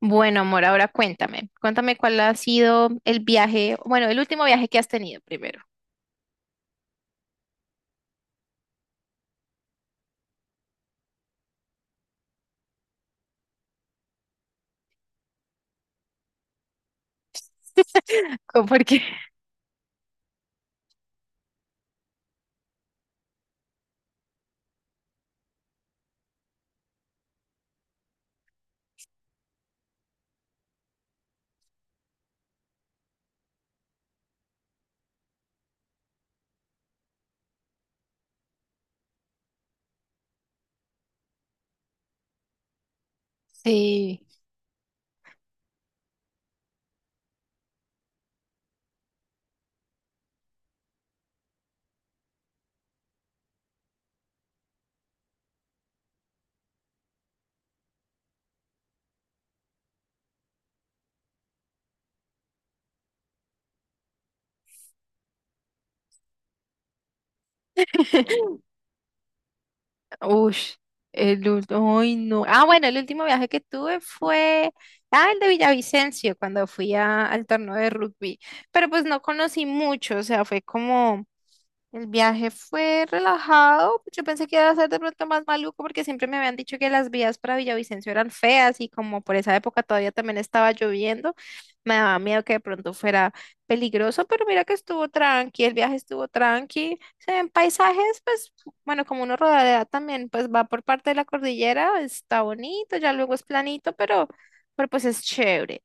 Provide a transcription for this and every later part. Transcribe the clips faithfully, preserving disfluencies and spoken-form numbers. Bueno, amor, ahora cuéntame. Cuéntame cuál ha sido el viaje, bueno, el último viaje que has tenido primero. Co- Porque, sí, ush, el último, ay, no. Ah, bueno, el último viaje que tuve fue, ah, el de Villavicencio, cuando fui a- al torneo de rugby. Pero pues no conocí mucho, o sea, fue como el viaje fue relajado. Yo pensé que iba a ser de pronto más maluco porque siempre me habían dicho que las vías para Villavicencio eran feas y como por esa época todavía también estaba lloviendo, me daba miedo que de pronto fuera peligroso, pero mira que estuvo tranqui, el viaje estuvo tranqui. Se ven paisajes, pues bueno, como uno rodea también, pues va por parte de la cordillera, está bonito, ya luego es planito, pero, pero pues es chévere.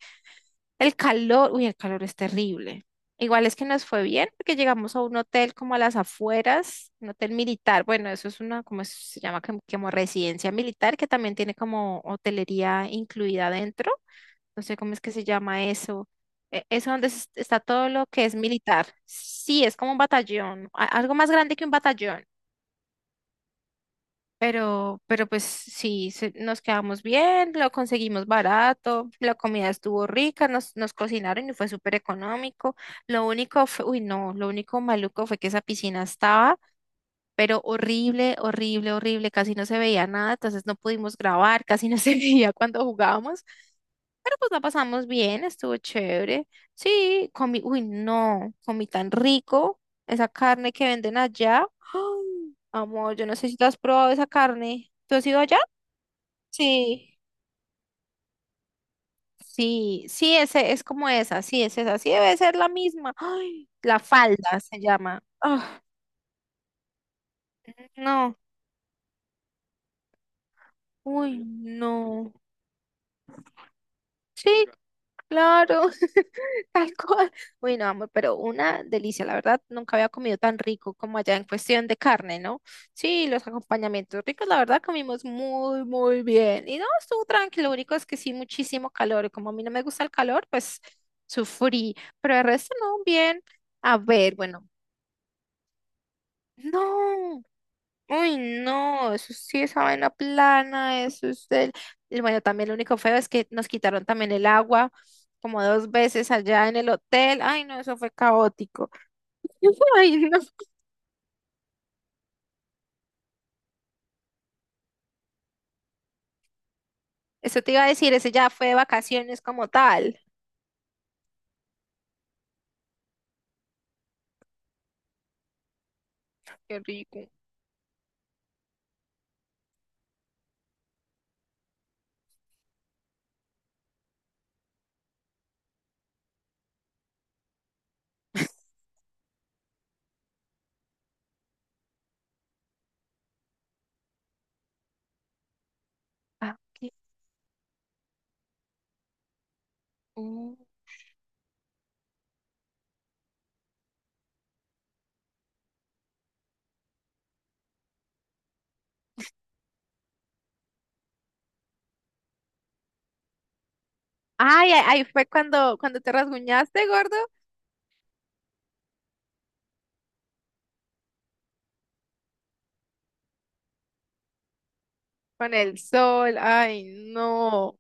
El calor, uy, el calor es terrible. Igual es que nos fue bien porque llegamos a un hotel como a las afueras, un hotel militar. Bueno, eso es una, como se llama, como, como residencia militar que también tiene como hotelería incluida dentro. No sé cómo es que se llama eso. E- Eso donde es- está todo lo que es militar. Sí, es como un batallón, a- algo más grande que un batallón. Pero, pero pues sí, se- nos quedamos bien, lo conseguimos barato, la comida estuvo rica, nos, nos cocinaron y fue súper económico. Lo único fue, uy, no, lo único maluco fue que esa piscina estaba pero horrible, horrible, horrible, casi no se veía nada, entonces no pudimos grabar, casi no se veía cuando jugábamos, pero pues la pasamos bien, estuvo chévere. Sí, comí, uy, no, comí tan rico esa carne que venden allá. ¡Ay, amor! Yo no sé si tú has probado esa carne. ¿Tú has ido allá? Sí. Sí, sí, ese es como esa, sí, es esa, sí debe ser la misma. ¡Ay, la falda se llama! Ah, no, uy, no. Sí, claro. Tal cual. Uy, no, amor, pero una delicia. La verdad, nunca había comido tan rico como allá en cuestión de carne, ¿no? Sí, los acompañamientos ricos, la verdad, comimos muy, muy bien. Y no, estuvo tranquilo. Lo único es que sí, muchísimo calor. Y como a mí no me gusta el calor, pues sufrí. Pero el resto, no, bien. A ver, bueno, no. Uy, no, eso sí, esa vaina plana, eso es del... Y bueno, también lo único feo es que nos quitaron también el agua como dos veces allá en el hotel. Ay, no, eso fue caótico. Ay, no. Eso te iba a decir, ese ya fue de vacaciones como tal. Qué rico. Ah, qué- uh. Ay, ay, ay, fue cuando, cuando te rasguñaste, gordo, con el sol. Ay, no.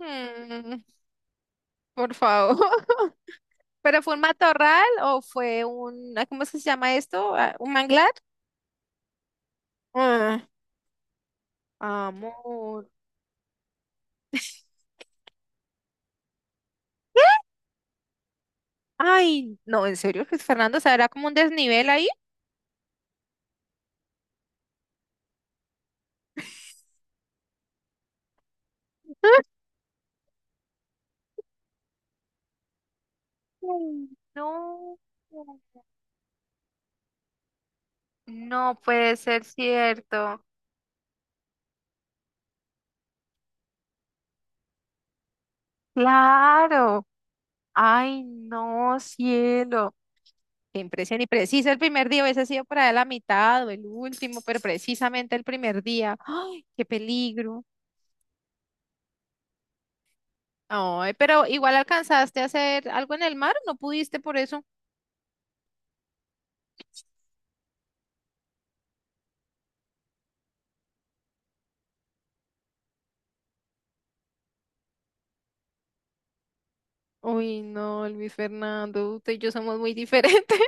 Mm, por favor. ¿Pero fue un matorral o fue un, ah, cómo es que se llama esto? Ah, ¿un manglar? Ah, amor. Ay, no, en serio, Luis Fernando, o sea, era como un desnivel ahí. Ay, no, no puede ser cierto. Claro. Ay, no, cielo. Qué impresión y preciso el primer día, hubiese sido por ahí la mitad o el último, pero precisamente el primer día. ¡Ay, qué peligro! Ay, pero igual alcanzaste a hacer algo en el mar, ¿no pudiste por eso? Uy, no, Luis Fernando, usted y yo somos muy diferentes.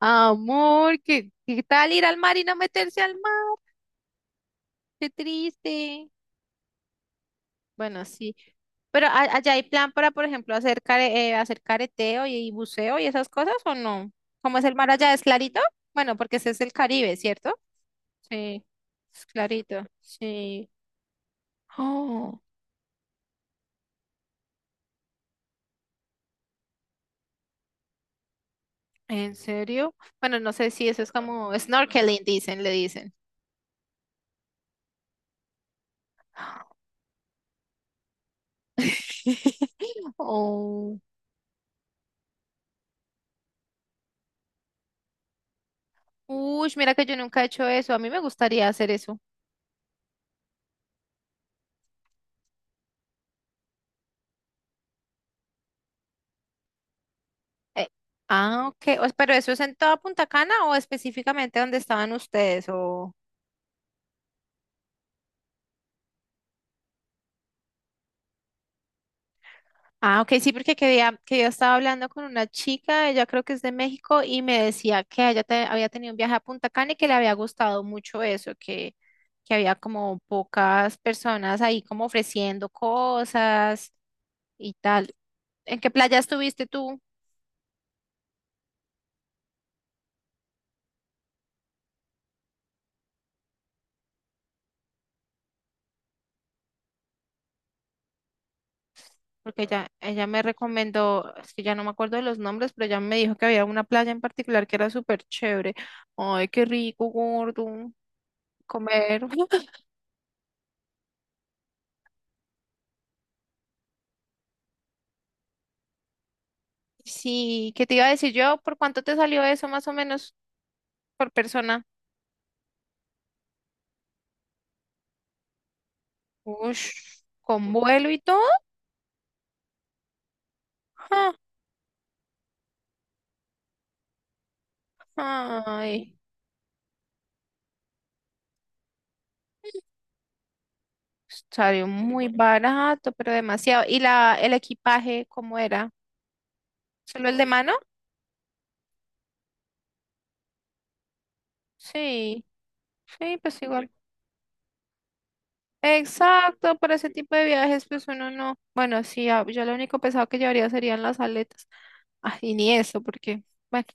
Amor, ¿qué, qué tal ir al mar y no meterse al mar? Qué triste. Bueno, sí. Pero a- allá hay plan para, por ejemplo, hacer, care- eh, hacer careteo y, y buceo y esas cosas, ¿o no? ¿Cómo es el mar allá? ¿Es clarito? Bueno, porque ese es el Caribe, ¿cierto? Sí, es clarito. Sí. Oh, ¿en serio? Bueno, no sé si eso es como snorkeling, dicen, le dicen. Oh. Uy, mira que yo nunca he hecho eso. A mí me gustaría hacer eso. Eh, ah, ok. O pero eso es en toda Punta Cana o específicamente donde estaban ustedes o... Ah, ok, sí, porque que día, que yo estaba hablando con una chica, ella creo que es de México, y me decía que ella te- había tenido un viaje a Punta Cana y que le había gustado mucho eso, que, que había como pocas personas ahí como ofreciendo cosas y tal. ¿En qué playa estuviste tú? Porque ella, ella me recomendó, es que ya no me acuerdo de los nombres, pero ella me dijo que había una playa en particular que era súper chévere. Ay, qué rico, gordo, comer. Sí, ¿qué te iba a decir yo? ¿Por cuánto te salió eso más o menos por persona? Ush, con vuelo y todo. Ja, ay, salió muy barato, pero demasiado. ¿Y la, el equipaje cómo era? ¿Solo el de mano? Sí, sí, pues igual. Exacto, para ese tipo de viajes, pues uno no. Bueno, sí, ah, yo lo único pesado que llevaría serían las aletas. Ah, y ni eso, porque, bueno.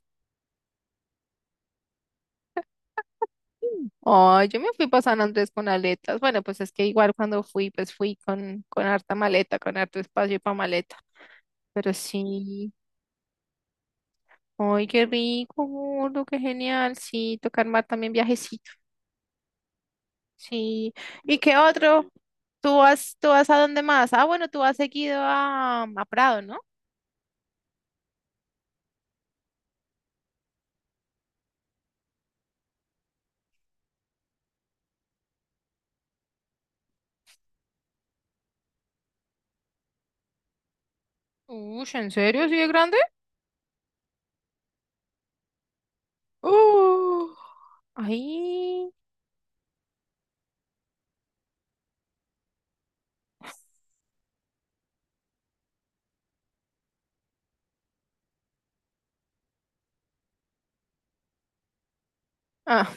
Ay, yo me fui para San Andrés con aletas. Bueno, pues es que igual cuando fui, pues fui con, con harta maleta, con harto espacio para maleta. Pero sí, ay, qué rico, gordo, qué genial. Sí, tocar mar también viajecito. Sí. ¿Y qué otro? ¿Tú vas, tú vas a dónde más? Ah, bueno, tú has seguido a, a Prado, ¿no? Uy, ¿en serio? ¿Sigue grande? Uh, ay. Ah,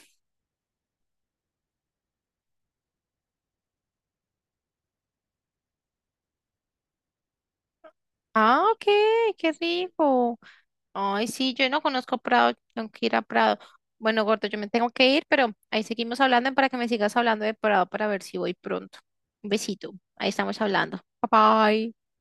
ah, ok, qué rico. Ay, sí, yo no conozco Prado, tengo que ir a Prado. Bueno, gordo, yo me tengo que ir, pero ahí seguimos hablando para que me sigas hablando de Prado para ver si voy pronto. Un besito, ahí estamos hablando. Bye bye.